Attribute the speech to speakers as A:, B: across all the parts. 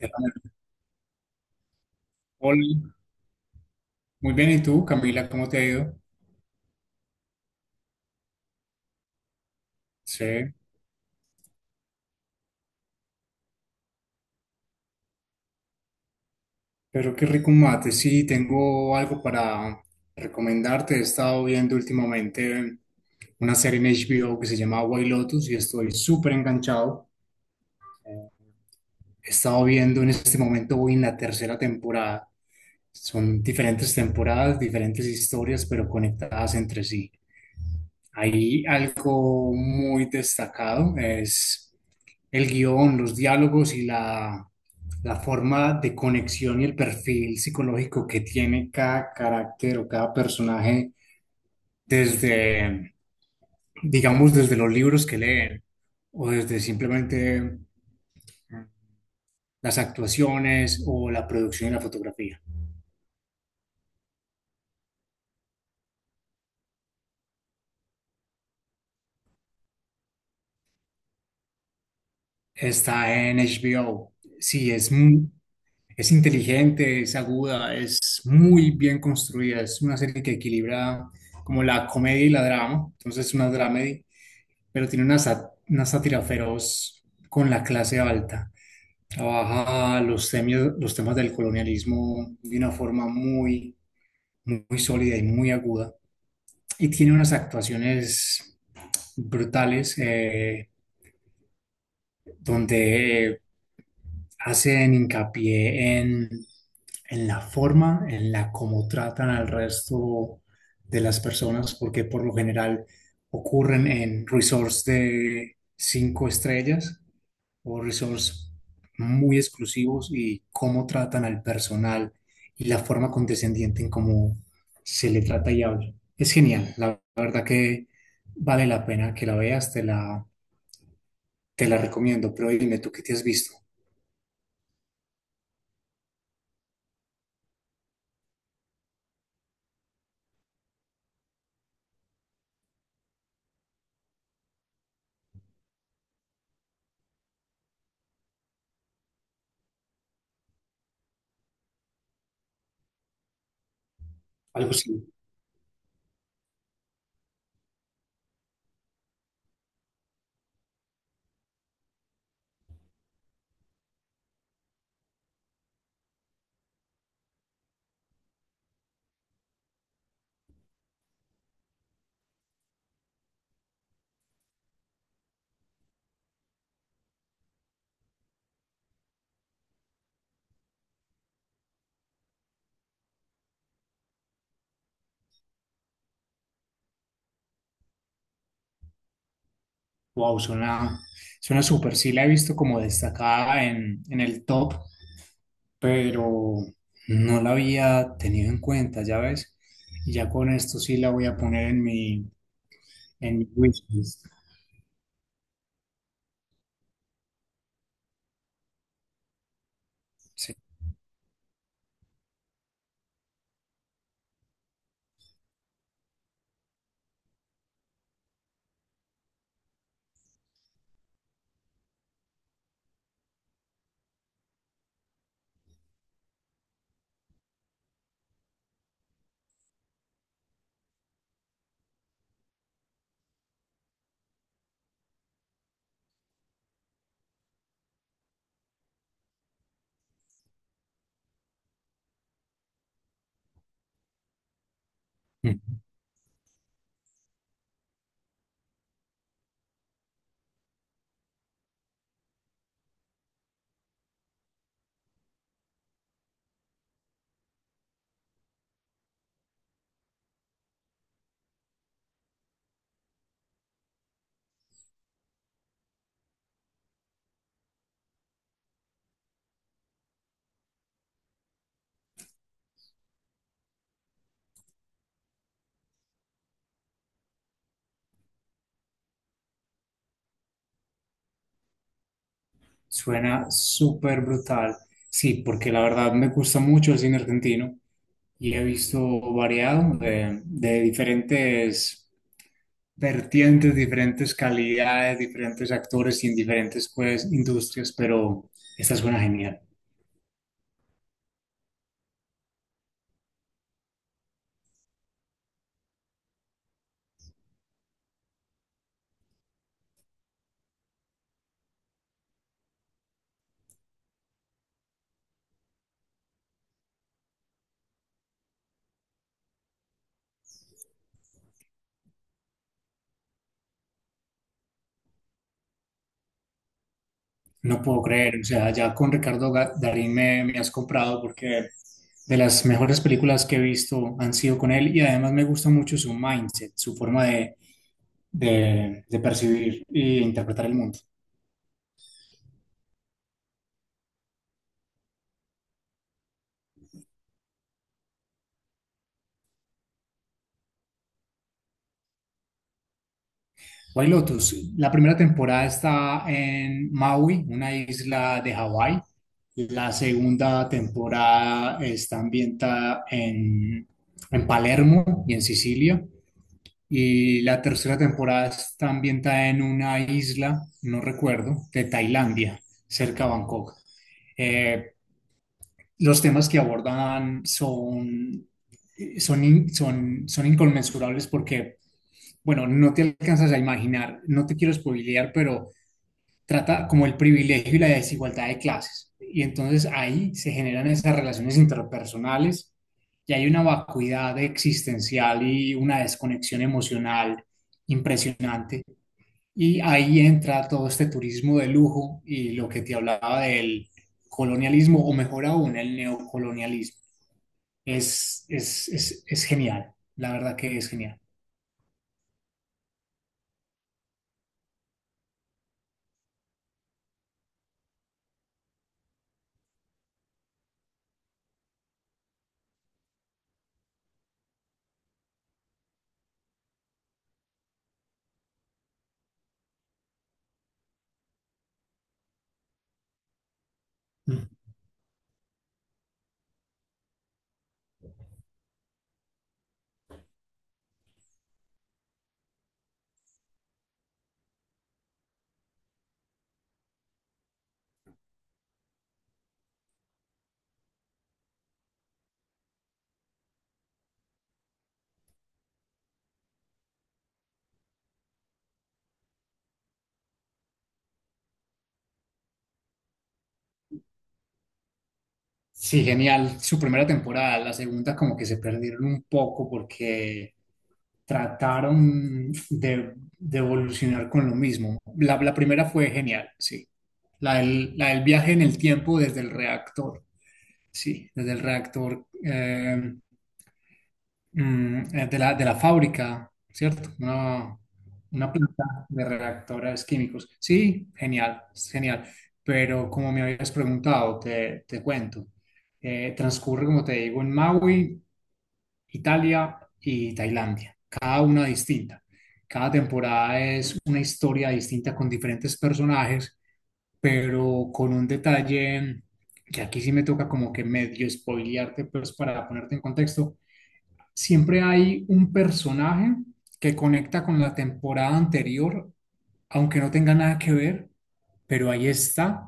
A: Eh, Hola, muy bien, ¿y tú, Camila? ¿Cómo te ha ido? Sí, pero qué rico un mate. Sí, tengo algo para recomendarte. He estado viendo últimamente una serie en HBO que se llama White Lotus y estoy súper enganchado. He estado viendo en este momento, voy en la tercera temporada. Son diferentes temporadas, diferentes historias, pero conectadas entre sí. Hay algo muy destacado, es el guión, los diálogos y la forma de conexión y el perfil psicológico que tiene cada carácter o cada personaje desde, digamos, desde los libros que leen o desde simplemente las actuaciones o la producción y la fotografía. Está en HBO. Sí, es, es inteligente, es aguda, es muy bien construida. Es una serie que equilibra como la comedia y la drama. Entonces es una dramedy, pero tiene una, una sátira feroz con la clase alta. Trabaja los temas del colonialismo de una forma muy sólida y muy aguda. Y tiene unas actuaciones brutales, donde hacen hincapié en la forma en la como tratan al resto de las personas, porque por lo general ocurren en resorts de cinco estrellas o resorts muy exclusivos y cómo tratan al personal y la forma condescendiente en cómo se le trata y habla. Es genial, la verdad que vale la pena que la veas, te la recomiendo, pero dime tú qué te has visto, algo similar. Wow, suena súper. Sí la he visto como destacada en el top, pero no la había tenido en cuenta, ya ves. Y ya con esto sí la voy a poner en en mi wishlist. Sí. Mm. Suena súper brutal. Sí, porque la verdad me gusta mucho el cine argentino y he visto variado de diferentes vertientes, diferentes calidades, diferentes actores y en diferentes pues, industrias, pero esta suena genial. No puedo creer, o sea, ya con Ricardo Darín me has comprado porque de las mejores películas que he visto han sido con él y además me gusta mucho su mindset, su forma de percibir e interpretar el mundo. White Lotus, la primera temporada está en Maui, una isla de Hawái. La segunda temporada está ambientada en Palermo y en Sicilia. Y la tercera temporada está ambientada en una isla, no recuerdo, de Tailandia, cerca de Bangkok. Eh, los temas que abordan son inconmensurables porque, bueno, no te alcanzas a imaginar, no te quiero spoilear, pero trata como el privilegio y la desigualdad de clases. Y entonces ahí se generan esas relaciones interpersonales y hay una vacuidad existencial y una desconexión emocional impresionante. Y ahí entra todo este turismo de lujo y lo que te hablaba del colonialismo, o mejor aún, el neocolonialismo. Es, genial, la verdad que es genial. Mm. Sí, genial. Su primera temporada, la segunda como que se perdieron un poco porque trataron de evolucionar con lo mismo. La primera fue genial, sí. La del viaje en el tiempo desde el reactor, sí, desde el reactor, de la fábrica, ¿cierto? Una planta de reactores químicos. Sí, genial, genial. Pero como me habías preguntado, te cuento. Transcurre, como te digo, en Maui, Italia y Tailandia, cada una distinta. Cada temporada es una historia distinta con diferentes personajes, pero con un detalle que aquí sí me toca como que medio spoilearte, pues para ponerte en contexto. Siempre hay un personaje que conecta con la temporada anterior, aunque no tenga nada que ver, pero ahí está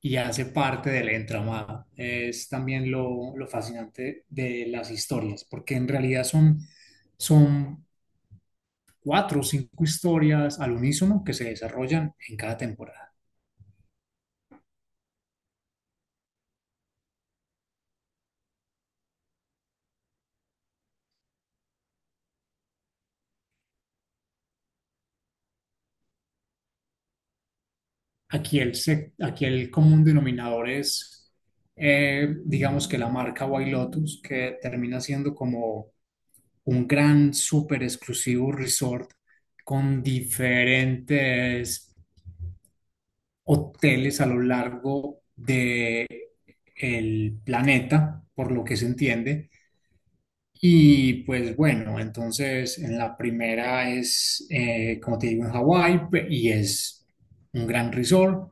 A: y hace parte del entramado. Es también lo fascinante de las historias, porque en realidad son cuatro o cinco historias al unísono que se desarrollan en cada temporada. Aquí aquí el común denominador es, digamos que la marca White Lotus, que termina siendo como un gran, súper exclusivo resort con diferentes hoteles a lo largo de el planeta, por lo que se entiende. Y pues bueno, entonces en la primera es, como te digo, en Hawái y es un gran resort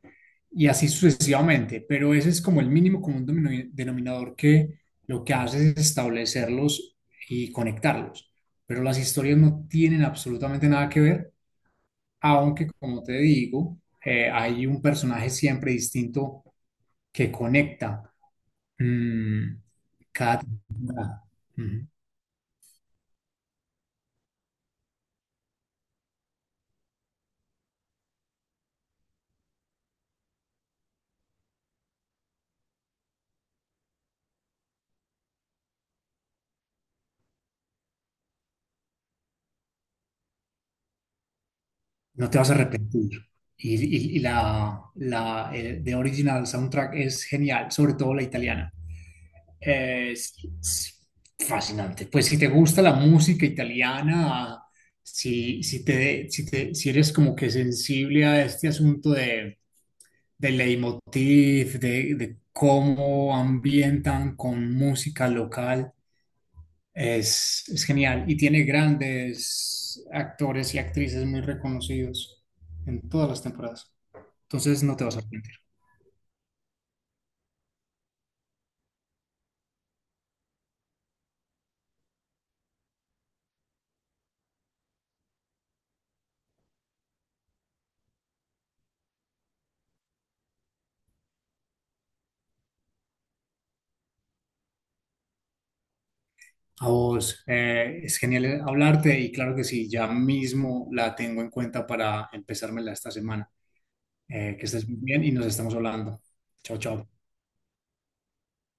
A: y así sucesivamente. Pero ese es como el mínimo común denominador que lo que hace es establecerlos y conectarlos. Pero las historias no tienen absolutamente nada que ver aunque, como te digo, hay un personaje siempre distinto que conecta mm, cada temporada. Ujú. No te vas a arrepentir. Y, y la The Original Soundtrack es genial, sobre todo la italiana. Eh, Es, es fascinante. Pues si te gusta la música italiana, si eres como que sensible a este asunto de leitmotiv, de cómo ambientan con música local. Es genial y tiene grandes actores y actrices muy reconocidos en todas las temporadas. Entonces no te vas a arrepentir. A vos, es genial hablarte y claro que sí, ya mismo la tengo en cuenta para empezármela esta semana. Que estés muy bien y nos estamos hablando. Chao, chao.